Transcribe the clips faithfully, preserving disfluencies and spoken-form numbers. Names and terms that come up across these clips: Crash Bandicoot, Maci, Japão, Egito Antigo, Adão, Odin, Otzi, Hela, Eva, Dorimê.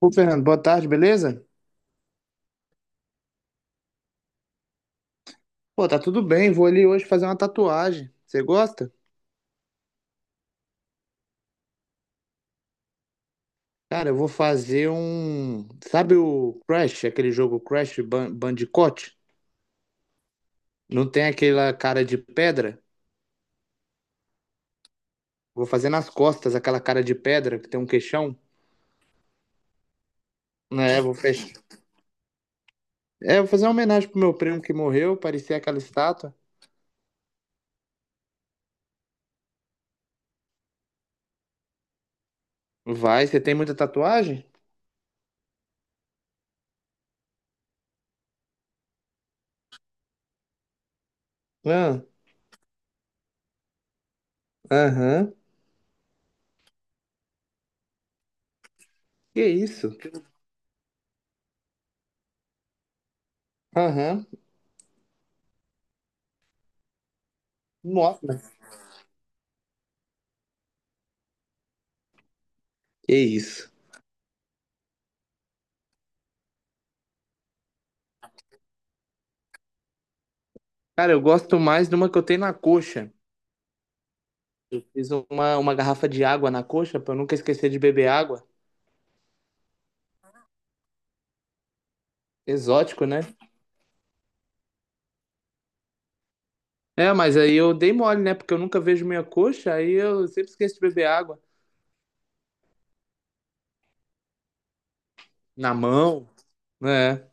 Ô, Fernando, boa tarde, beleza? Pô, tá tudo bem, vou ali hoje fazer uma tatuagem. Você gosta? Cara, eu vou fazer um. Sabe o Crash, aquele jogo Crash Ban- Bandicoot? Não tem aquela cara de pedra? Vou fazer nas costas aquela cara de pedra que tem um queixão. É, vou fechar. É, vou fazer uma homenagem pro meu primo que morreu, parecia aquela estátua. Vai, você tem muita tatuagem? Ah, aham. Que isso? Aham. Nossa. Que isso? Cara, eu gosto mais de uma que eu tenho na coxa. Fiz uma, uma garrafa de água na coxa pra eu nunca esquecer de beber água. Exótico, né? É, mas aí eu dei mole, né? Porque eu nunca vejo minha coxa, aí eu sempre esqueço de beber água. Na mão, né?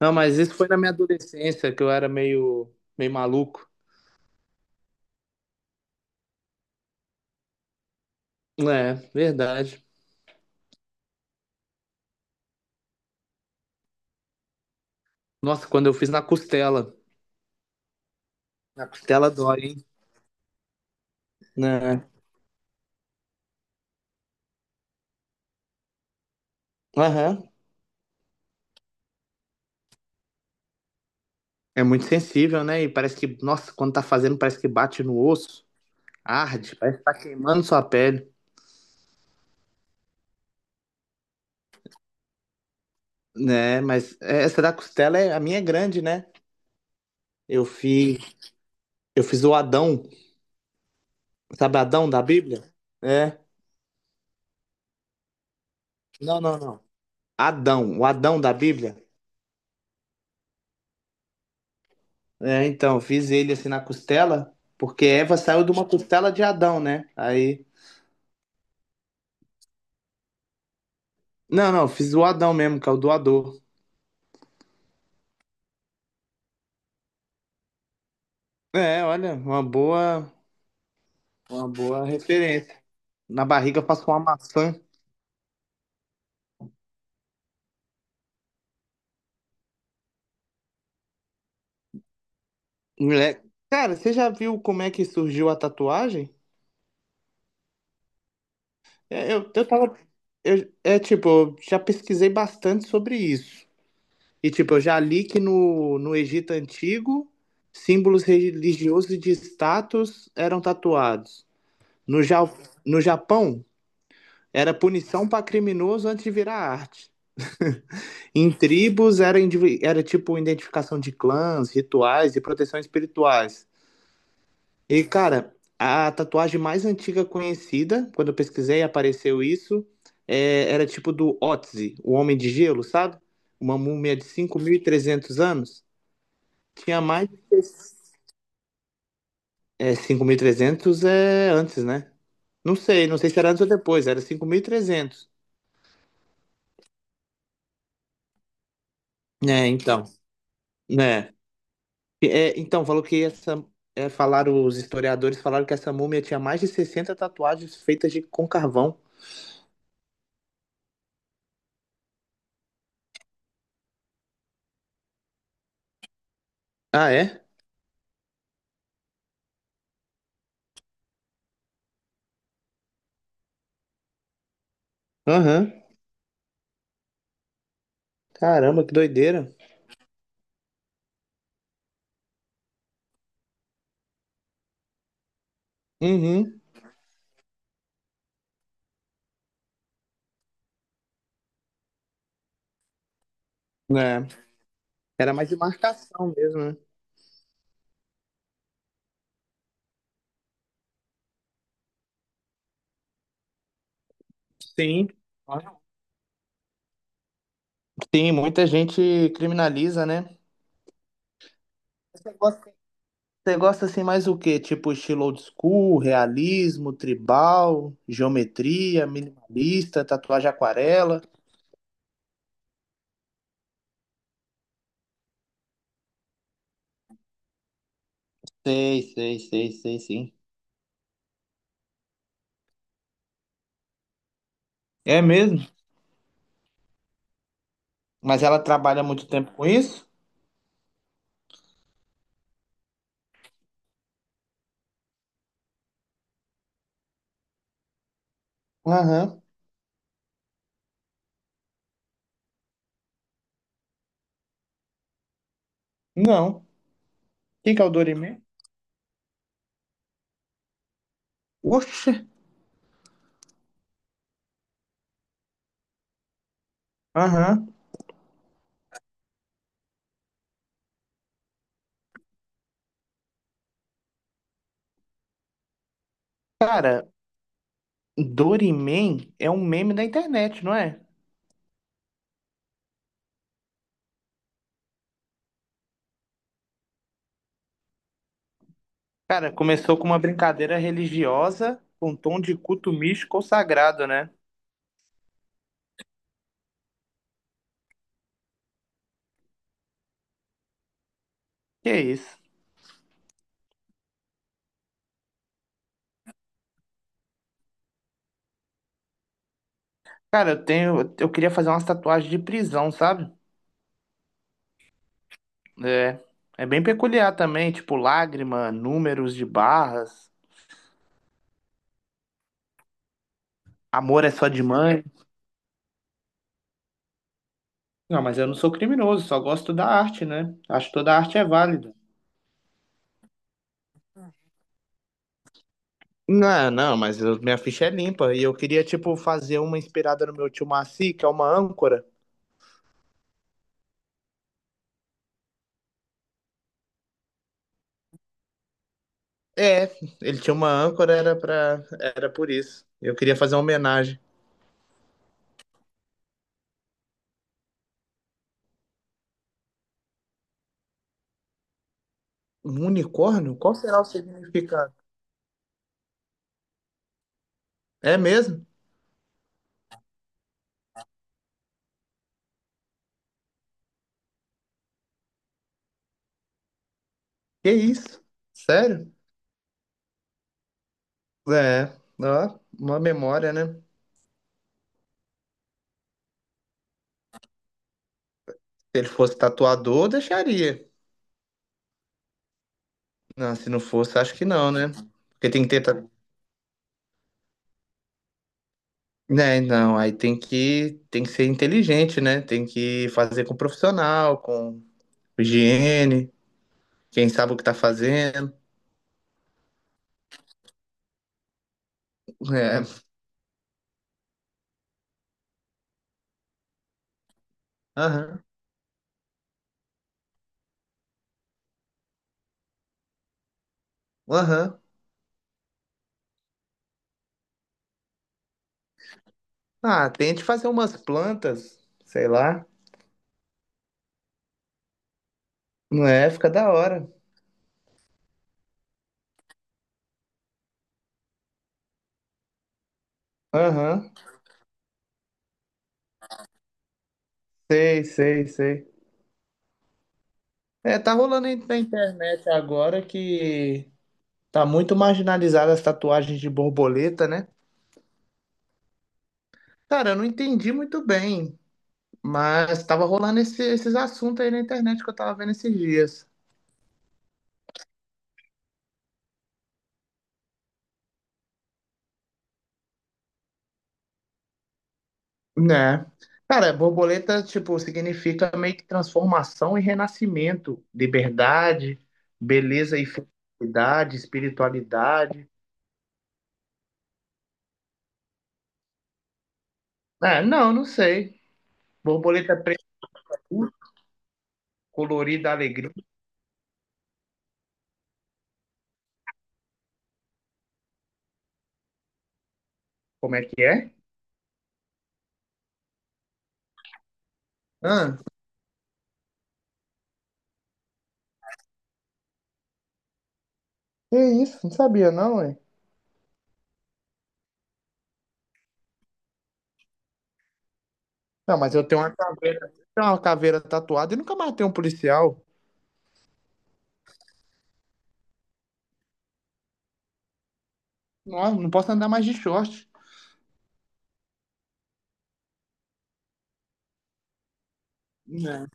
Não, mas isso foi na minha adolescência, que eu era meio, meio maluco. É, verdade. Nossa, quando eu fiz na costela. Na costela dói, hein? Né? Aham. É muito sensível, né? E parece que, nossa, quando tá fazendo, parece que bate no osso. Arde, parece que tá queimando sua pele. Né, mas é, essa da costela é a minha é grande, né? Eu fiz, eu fiz o Adão, sabe Adão da Bíblia? É. Não, não, não. Adão, o Adão da Bíblia. É, então, eu fiz ele assim na costela, porque Eva saiu de uma costela de Adão, né? Aí, não, não, eu fiz o Adão mesmo, que é o doador. É, olha, uma boa, uma boa referência. Na barriga eu faço uma maçã. Moleque, cara, você já viu como é que surgiu a tatuagem? É, eu, eu tava. Eu, é tipo, eu já pesquisei bastante sobre isso. E tipo, eu já li que no, no Egito Antigo, símbolos religiosos e de status eram tatuados. No, Ja- no Japão, era punição para criminoso antes de virar arte. Em tribos, era, indivi- era tipo identificação de clãs, rituais e proteção espirituais. E, cara, a tatuagem mais antiga conhecida, quando eu pesquisei, apareceu isso, é, era tipo do Otzi, o Homem de Gelo, sabe? Uma múmia de cinco mil e trezentos anos. Tinha mais de... É, cinco mil e trezentos é antes, né? Não sei, não sei se era antes ou depois, era cinco mil e trezentos. É então, né? É, então, falou que essa... É, falaram, os historiadores falaram que essa múmia tinha mais de sessenta tatuagens feitas de, com carvão. Ah, é? Aham. Caramba, que doideira. Uhum, né? Era mais de marcação mesmo, né? Sim. Sim, muita gente criminaliza, né? Você gosta, Você gosta assim mais o quê? Tipo estilo old school, realismo, tribal, geometria, minimalista, tatuagem aquarela. Sei, sei, sei, sei, sim. É mesmo? Mas ela trabalha muito tempo com isso? Aham. Não. Quem que é o Dorimê? Oxe, aham. Cara, Dorimê é um meme da internet, não é? Cara, começou com uma brincadeira religiosa com um tom de culto místico ou sagrado, né? Que é isso. Cara, eu tenho, eu queria fazer umas tatuagens de prisão, sabe? É, é bem peculiar também, tipo lágrima, números de barras, amor é só de mãe. Não, mas eu não sou criminoso, só gosto da arte, né? Acho que toda arte é válida. Não, não, mas eu- minha ficha é limpa e eu queria, tipo, fazer uma inspirada no meu tio Maci, que é uma âncora. É, ele tinha uma âncora, era para era por isso. Eu queria fazer uma homenagem. Um unicórnio? Qual será o significado? É mesmo? Que isso? Sério? É, ó, uma memória, né? Se ele fosse tatuador, eu deixaria. Não, se não fosse, acho que não, né? Porque tem que ter. ta- Né, não, aí tem que, tem que ser inteligente, né? Tem que fazer com profissional, com higiene, quem sabe o que tá fazendo. É, aham, aham. Ah, tente fazer umas plantas, sei lá. Não é? Fica da hora. Aham, sei, sei, sei. É, tá rolando aí na internet agora que tá muito marginalizada as tatuagens de borboleta, né? Cara, eu não entendi muito bem, mas tava rolando esse- esses assuntos aí na internet que eu tava vendo esses dias. Né? Cara, borboleta, tipo, significa meio que transformação e renascimento, liberdade, beleza e felicidade, espiritualidade. Ah, não, não sei. Borboleta preta, colorida alegria, como é que é? Ah, que isso? Não sabia não, ué. Não, mas eu tenho uma caveira, tenho uma caveira tatuada e nunca matei um policial. Não, não posso andar mais de short. Né?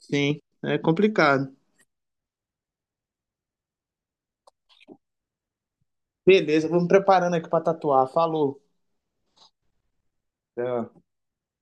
Sim, é complicado. Beleza, vou me preparando aqui pra tatuar. Falou. Tchau.